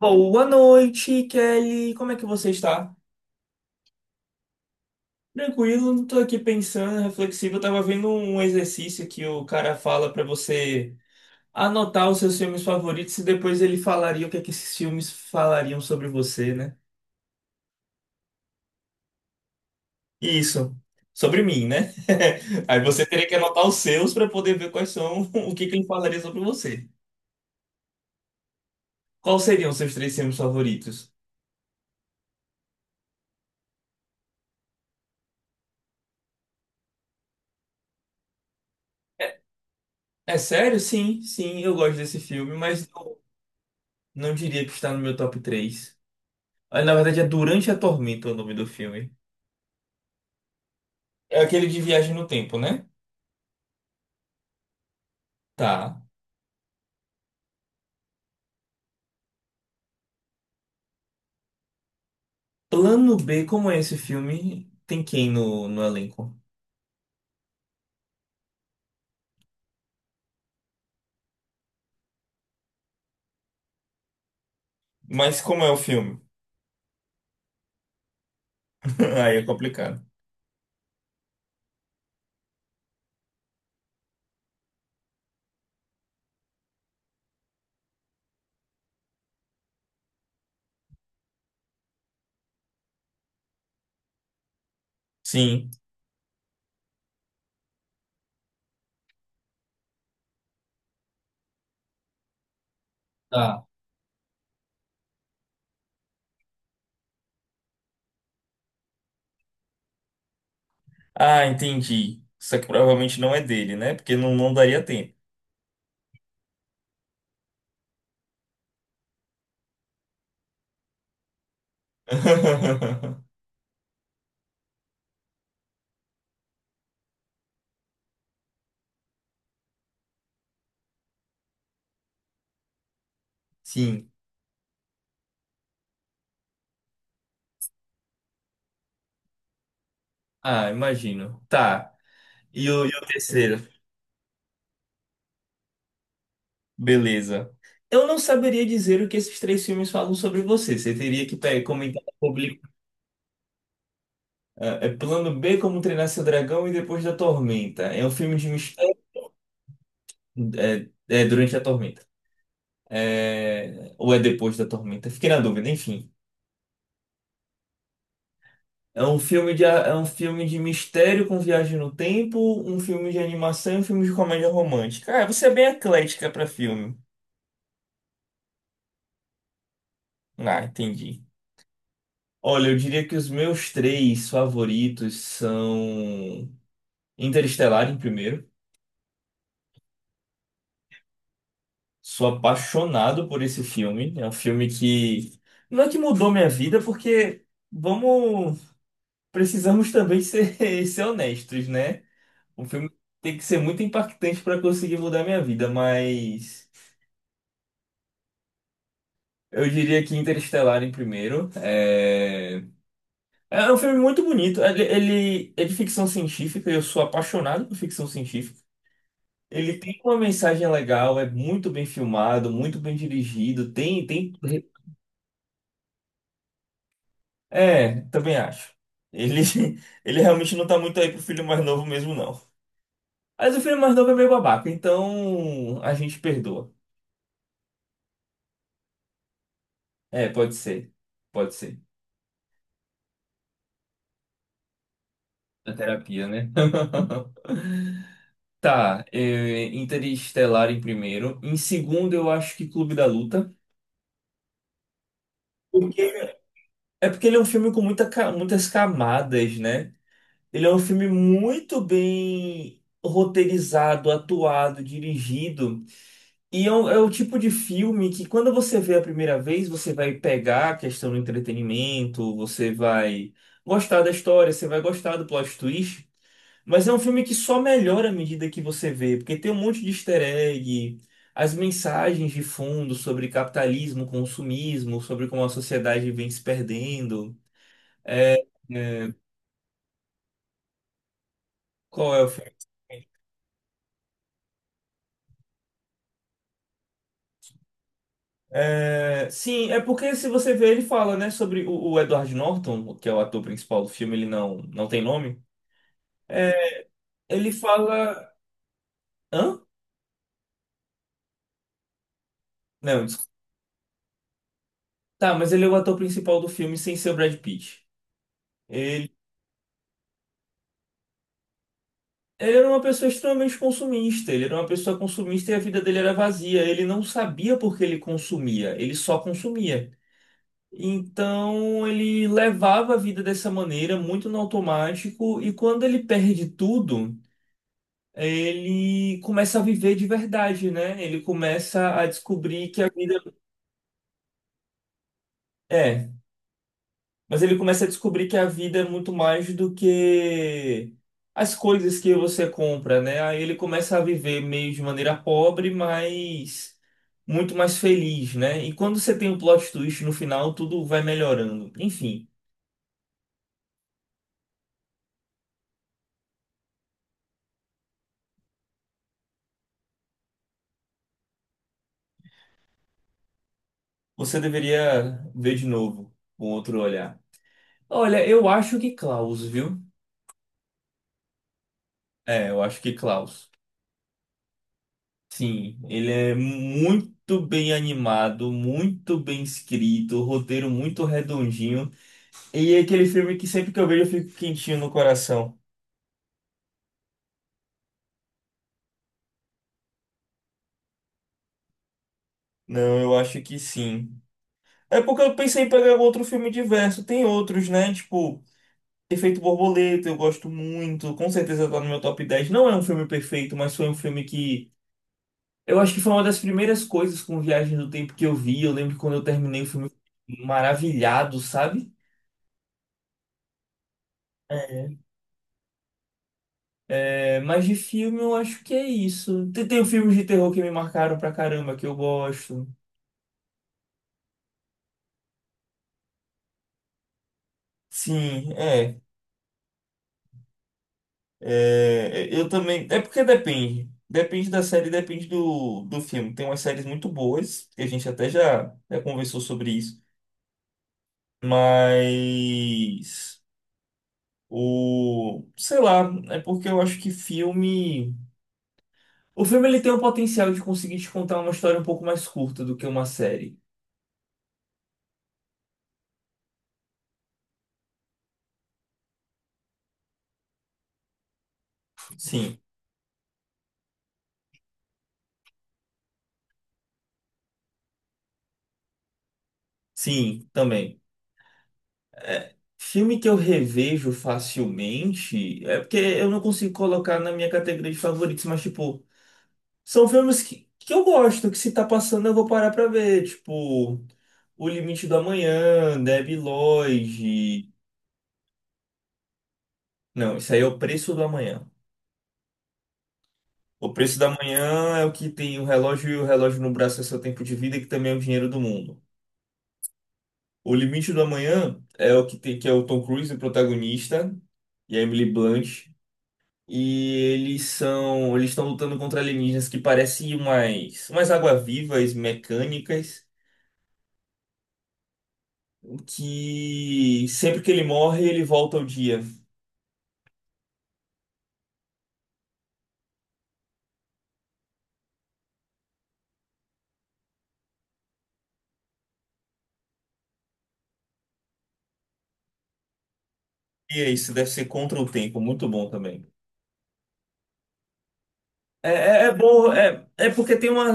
Boa noite, Kelly. Como é que você está? Tranquilo, não tô aqui pensando, reflexivo. Eu tava vendo um exercício que o cara fala para você anotar os seus filmes favoritos e depois ele falaria o que é que esses filmes falariam sobre você, né? Isso. Sobre mim, né? Aí você teria que anotar os seus para poder ver quais são, o que que ele falaria sobre você. Quais seriam os seus três filmes favoritos? É é sério? Sim, sim, eu gosto desse filme, mas não diria que está no meu top 3. Ah, na verdade, é Durante a Tormenta o nome do filme. É aquele de viagem no tempo, né? Tá. Plano B, como é esse filme? Tem quem no elenco? Mas como é o filme? Aí é complicado. Sim. Tá. Ah, entendi. Só que provavelmente não é dele, né? Porque não daria tempo. Sim. Ah, imagino. Tá. E o terceiro? Beleza. Eu não saberia dizer o que esses três filmes falam sobre você. Você teria que comentar. É Plano B, Como Treinar Seu Dragão e Depois da Tormenta. É um filme de mistério é, é durante a tormenta. É, ou é depois da tormenta? Fiquei na dúvida, enfim. É um filme de, é um filme de mistério com viagem no tempo, um filme de animação e um filme de comédia romântica. Ah, você é bem eclética pra filme. Ah, entendi. Olha, eu diria que os meus três favoritos são Interestelar em primeiro. Sou apaixonado por esse filme. É um filme que não é que mudou minha vida, porque vamos, precisamos também ser, ser honestos, né? O filme tem que ser muito impactante para conseguir mudar minha vida, mas eu diria que Interestelar em primeiro. É, é um filme muito bonito. Ele é de ficção científica, eu sou apaixonado por ficção científica. Ele tem uma mensagem legal, é muito bem filmado, muito bem dirigido, tem, tem. É, também acho. Ele, ele realmente não tá muito aí pro filho mais novo mesmo, não. Mas o filho mais novo é meio babaca, então a gente perdoa. É, pode ser. Pode ser. Da terapia, né? Tá, é, Interestelar em primeiro. Em segundo, eu acho que Clube da Luta. Porque- É porque ele é um filme com muita, muitas camadas, né? Ele é um filme muito bem roteirizado, atuado, dirigido. E é o tipo de filme que quando você vê a primeira vez, você vai pegar a questão do entretenimento, você vai gostar da história, você vai gostar do plot twist, mas é um filme que só melhora à medida que você vê, porque tem um monte de easter egg, as mensagens de fundo sobre capitalismo, consumismo, sobre como a sociedade vem se perdendo. Qual é o filme? É, sim, é porque se você vê, ele fala, né, sobre o Edward Norton, que é o ator principal do filme, ele não tem nome. Ele fala. Hã? Não, desculpa. Tá, mas ele é o ator principal do filme sem ser o Brad Pitt. Ele, ele era uma pessoa extremamente consumista. Ele era uma pessoa consumista e a vida dele era vazia. Ele não sabia por que ele consumia, ele só consumia. Então ele levava a vida dessa maneira, muito no automático, e quando ele perde tudo, ele começa a viver de verdade, né? Ele começa a descobrir que a vida. É. Mas ele começa a descobrir que a vida é muito mais do que as coisas que você compra, né? Aí ele começa a viver meio de maneira pobre, mas muito mais feliz, né? E quando você tem um plot twist no final, tudo vai melhorando. Enfim, você deveria ver de novo, com outro olhar. Olha, eu acho que Klaus, viu? É, eu acho que Klaus. Sim, ele é muito bem animado, muito bem escrito, roteiro muito redondinho. E é aquele filme que sempre que eu vejo eu fico quentinho no coração. Não, eu acho que sim. É porque eu pensei em pegar um outro filme diverso. Tem outros, né? Tipo, Efeito Borboleta, eu gosto muito. Com certeza tá no meu top dez. Não é um filme perfeito, mas foi um filme que. Eu acho que foi uma das primeiras coisas com Viagem do Tempo que eu vi. Eu lembro que quando eu terminei o filme eu fiquei maravilhado, sabe? É, mas de filme eu acho que é isso. Tem filmes de terror que me marcaram pra caramba, que eu gosto. Sim, é. É, é, eu também. É porque depende. Depende da série, depende do filme. Tem umas séries muito boas, que a gente até já, já conversou sobre isso. Mas. O. Sei lá, é porque eu acho que filme. O filme ele tem o potencial de conseguir te contar uma história um pouco mais curta do que uma série. Sim, sim, também. É, filme que eu revejo facilmente. É porque eu não consigo colocar na minha categoria de favoritos, mas tipo. São filmes que eu gosto, que se tá passando eu vou parar pra ver. Tipo, O Limite do Amanhã, Debi Lloyd. Não, isso aí é O Preço do Amanhã. O Preço do Amanhã é o que tem o relógio e o relógio no braço é seu tempo de vida, que também é o dinheiro do mundo. O Limite do Amanhã é o que tem, que é o Tom Cruise, o protagonista, e a Emily Blunt. E eles são, eles estão lutando contra alienígenas que parecem umas água-vivas mecânicas. Que sempre que ele morre, ele volta ao dia. E é isso, deve ser contra o tempo, muito bom também. É, bom, é porque tem uma,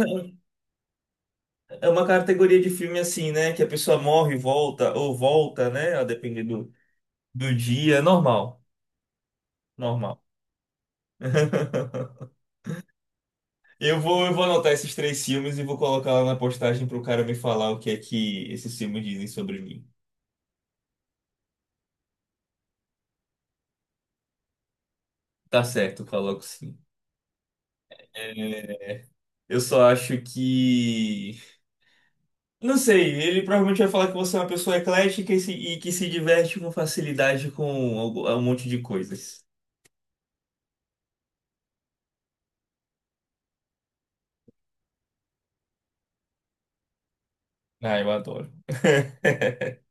é uma categoria de filme assim, né? Que a pessoa morre e volta, ou volta, né? A depender do dia, é normal, normal. Eu vou anotar esses três filmes e vou colocar lá na postagem pro cara me falar o que é que esses filmes dizem sobre mim. Tá certo, coloco sim. É, eu só acho que não sei, ele provavelmente vai falar que você é uma pessoa eclética e, e que se diverte com facilidade com um monte de coisas. Ah, eu adoro.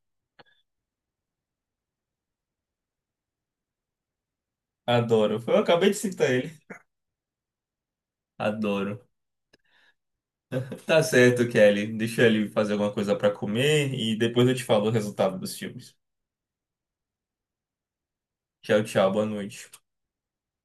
Adoro. Eu acabei de citar ele. Adoro. Tá certo, Kelly. Deixa ele fazer alguma coisa pra comer e depois eu te falo o resultado dos filmes. Tchau, tchau. Boa noite.